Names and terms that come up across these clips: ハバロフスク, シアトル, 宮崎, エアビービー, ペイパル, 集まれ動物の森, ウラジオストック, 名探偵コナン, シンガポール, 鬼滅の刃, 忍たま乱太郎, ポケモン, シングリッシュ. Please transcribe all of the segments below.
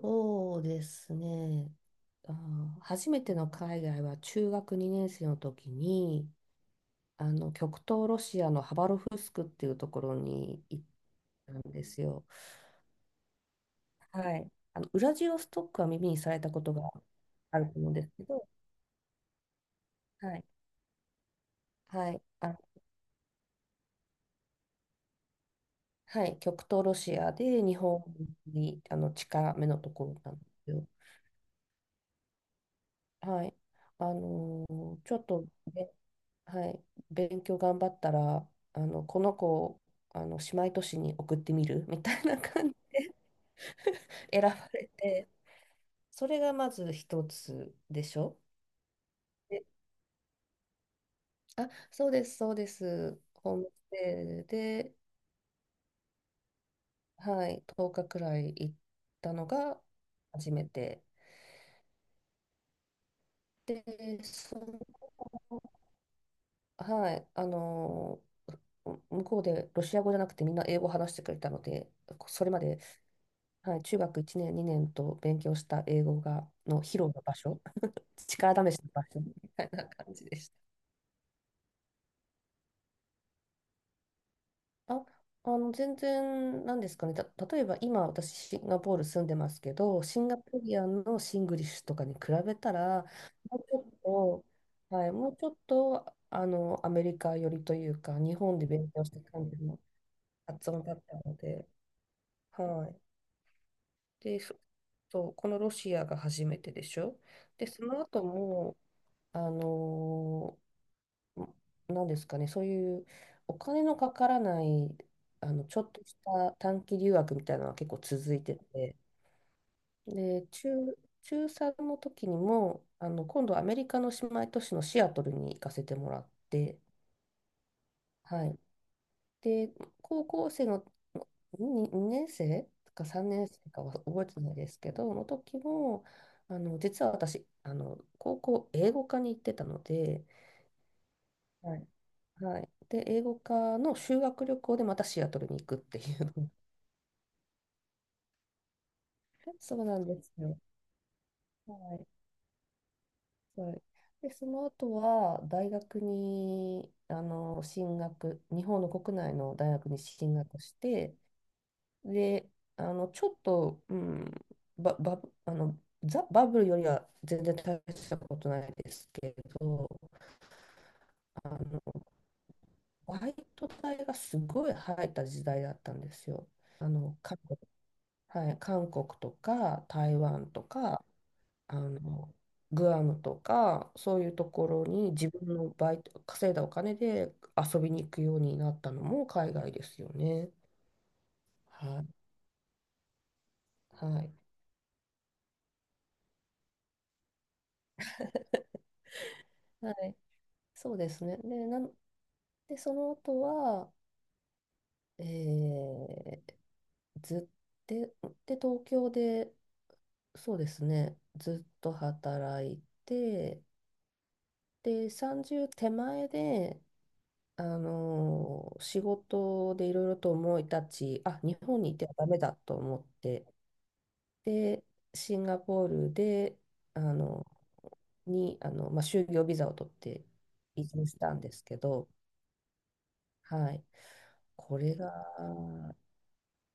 そうですね。初めての海外は中学2年生の時に、あの極東ロシアのハバロフスクっていうところに行ったんですよ。はい。あのウラジオストックは耳にされたことがあると思うんですけど。はい。はい。あ、はい。極東ロシアで日本に近めのところなんですよ。はい。ちょっとね、はい、勉強頑張ったら、この子を姉妹都市に送ってみる みたいな感じで 選ばれて、それがまず一つでしょ。で、あ、そうです、そうです。ホームステイで、はい、10日くらい行ったのが初めて。で、そはい、向こうでロシア語じゃなくてみんな英語話してくれたので、それまで、はい、中学1年、2年と勉強した英語の披露の場所、力試しの場所みたいな感じでした。あ、全然、なんですかね、例えば今私シンガポール住んでますけど、シンガポリアンのシングリッシュとかに比べたら、もうちょっと、はい、もうちょっと、アメリカ寄りというか、日本で勉強した感じの発音だったので、はい。で、そう、このロシアが初めてでしょ。で、その後も、あのーなんですかね、そういうお金のかからない、ちょっとした短期留学みたいなのは結構続いてて、で、中3の時にも、今度アメリカの姉妹都市のシアトルに行かせてもらって、はい。で、高校生の2年生か3年生かは覚えてないですけど、の時も、実は私、高校英語科に行ってたので、はい。はい。で、英語科の修学旅行でまたシアトルに行くっていうの。そうなんですよ。はい。はい。で、その後は、大学に、進学、日本の国内の大学に進学して、で、ちょっと、うん、バば、あの、ザ・バブルよりは全然大したことないですけど、あの、バイト代がすごい入った時代だったんですよ。過去、はい、韓国とか台湾とかあのグアムとかそういうところに自分のバイト稼いだお金で遊びに行くようになったのも海外ですよね。はい、はい、はい、そうですね。で、なんでその後は、えー、ずっで、で東京で、そうですね、ずっと働いて、で30手前で仕事でいろいろと思い立ち、あ、日本にいてはダメだと思って、で、シンガポールで、あの、に、まあ、就業ビザを取って移住したんですけど、はい。これが、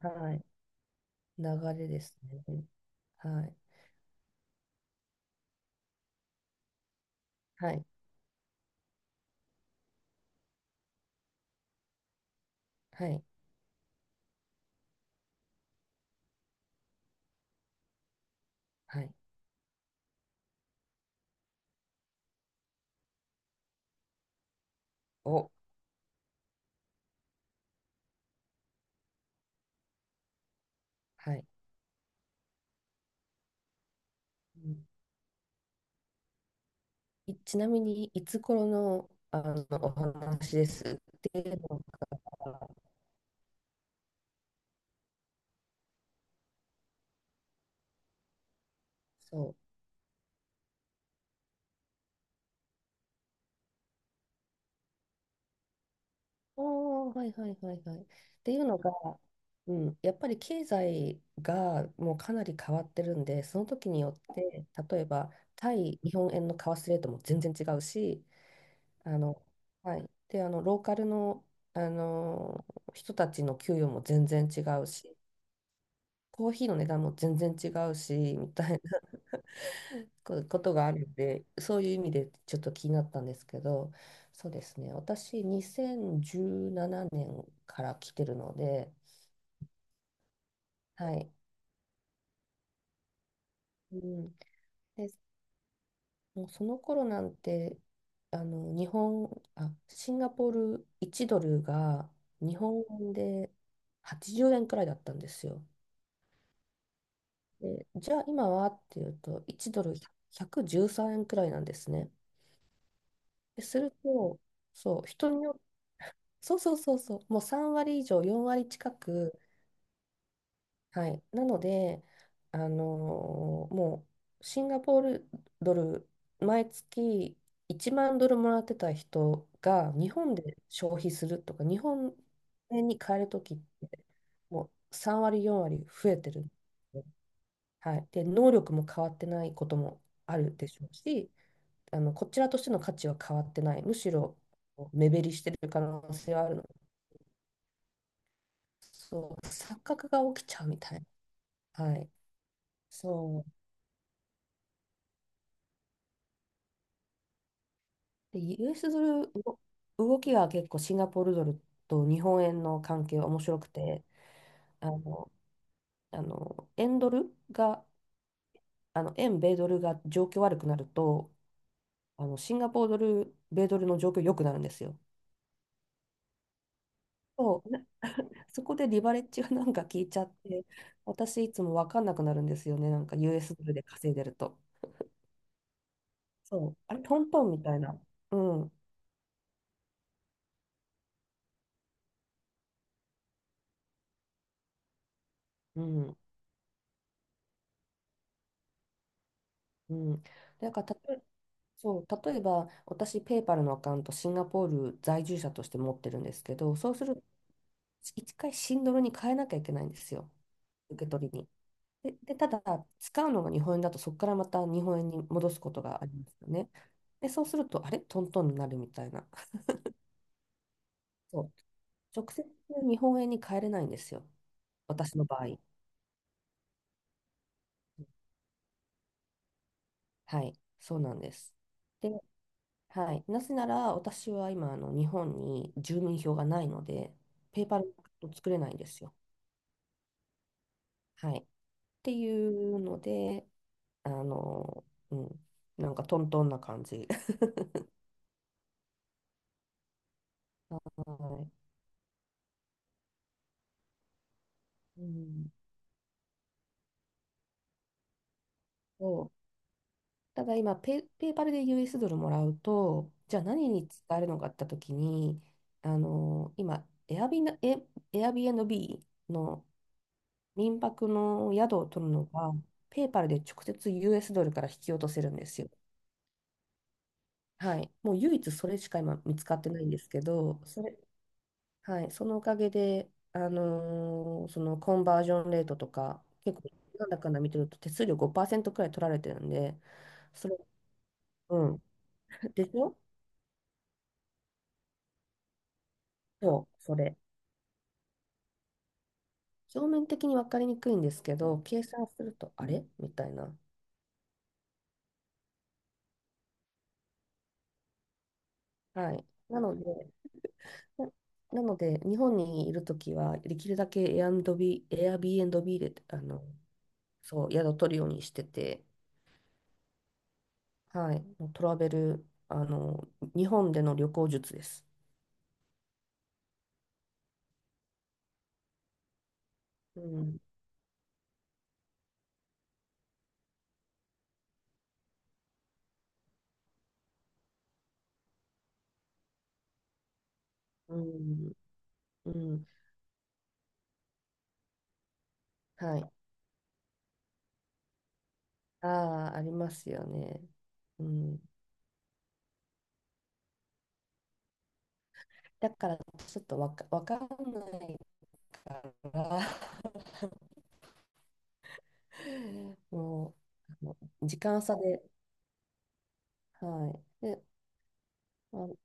はい、流れですね。はい。はい。はい。はい。お、はい。うんいちなみに、いつ頃の、お話ですっていうのが、そう。おあ、はいはいはいはい。っていうのが、うん、やっぱり経済がもうかなり変わってるんで、その時によって、例えば、対日本円の為替レートも全然違うし、あの、はい。で、ローカルの、あの、人たちの給与も全然違うし、コーヒーの値段も全然違うし、みたいな こことがあるんで、そういう意味でちょっと気になったんですけど、そうですね。私、2017年から来てるので、はい。うん。で、もうその頃なんて、あの、日本、あ、シンガポール1ドルが日本円で80円くらいだったんですよ。で、じゃあ今はっていうと、1ドル113円くじゅうさんえんくらいなんですね。ですると、そう、人によそうそうそうそう、もう3割以上、4割近く、はい、なので、あのもうシンガポールドル、毎月1万ドルもらってた人が日本で消費するとか、日本円に変えるときって、もう3割、4割増えてる。はい、で、能力も変わってないこともあるでしょうし、こちらとしての価値は変わってない、むしろ目減りしてる可能性はあるの、そう、錯覚が起きちゃうみたいな。はい、そう。で、US ドル、動きが結構シンガポールドルと日本円の関係は面白くて、あの、円ドルが、円米ドルが状況悪くなると、シンガポールドル、米ドルの状況良くなるんですよ。そう、そこでリバレッジがなんか効いちゃって、私いつも分かんなくなるんですよね、なんか US ドルで稼いでると。そう、あれ、トントンみたいな。うん、うん、うん。だから、そう、例えば私、ペイパルのアカウント、シンガポール在住者として持ってるんですけど、そうすると、1回シンドルに変えなきゃいけないんですよ、受け取りに。で、ただ、使うのが日本円だと、そこからまた日本円に戻すことがありますよね。で、そうすると、あれ、トントンになるみたいな。そう、直接日本円に変えれないんですよ、私の場合。はい、そうなんです。で、はい、なぜなら、私は今、日本に住民票がないので、ペイパルを作れないんですよ。はい。っていうので、あの、うん、なんかトントンな感じ。はい。うん、そう、ただ今ペーパルで US ドルもらうと、じゃあ何に使えるのかって時に、今、エアビービーの民泊の宿を取るのが、ペーパルで直接 US ドルから引き落とせるんですよ。はい。もう唯一それしか今見つかってないんですけど、それ、はい、そのおかげで、そのコンバージョンレートとか、結構、なんだかんだ見てると手数料5%くらい取られてるんで、それ、うん、でしょ、そう、それ。表面的に分かりにくいんですけど、計算すると、あれみたいな。はい。なので、ななので、日本にいるときは、できるだけ a アン b ビ b Airbnb で、そう、宿を取るようにしてて、はい、もうトラベル、日本での旅行術です。うんうん、うん、はい。ああ、ありますよね。うん。だから、ちょっとわかんないから、もう、時間差で、はい。で、まあの、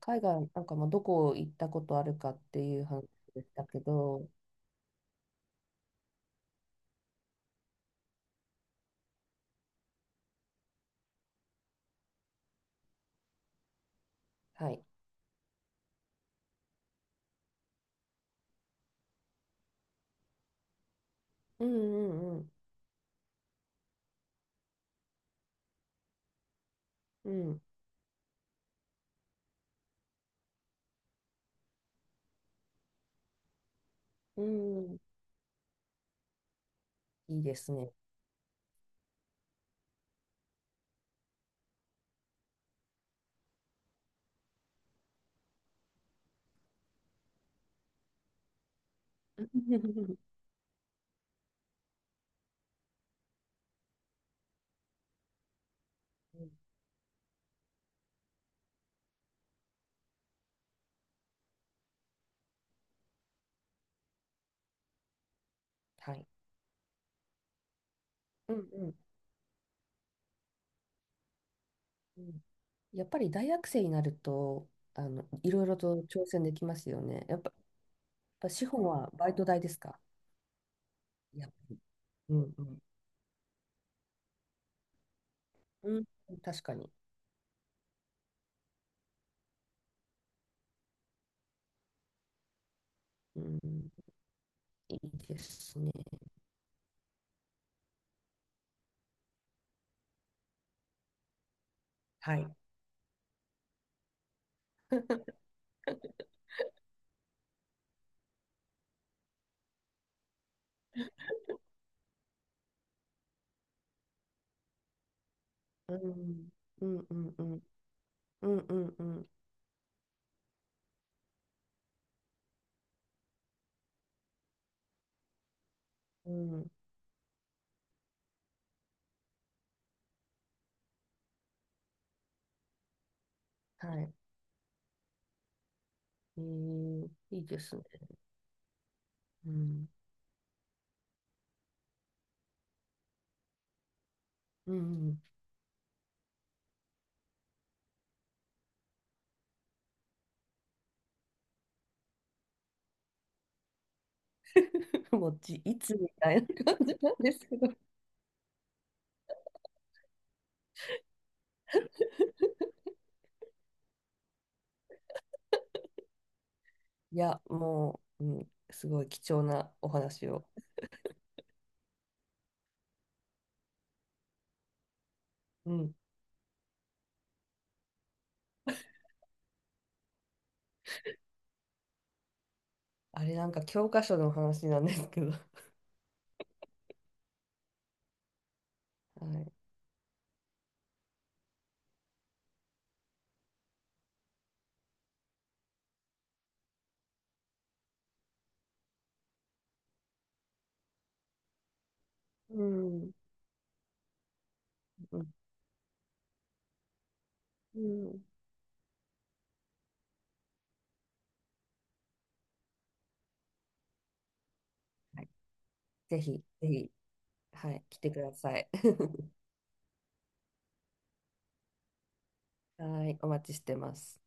海外なんかもどこ行ったことあるかっていう話でしたけど、はい。うんうんうん。うん。うん。いいですね。うん、はい。うんうん。うんやっぱり大学生になると、いろいろと挑戦できますよね。やっぱ資本はバイト代ですか、やっぱり。うんうん。うん、確かに。うん、いいですね。はい。うん、うんうんうん。うんうんうんうん。はい。いいですね。うん。うん、うん。もうじ、いつみたいな感じなんですけど。いや、もう、うん、すごい貴重なお話を。うん。あれなんか教科書の話なんですけど、はい。うん、うん、うん。はい、ぜひ、ぜひ、はい、来てください。はい、お待ちしてます。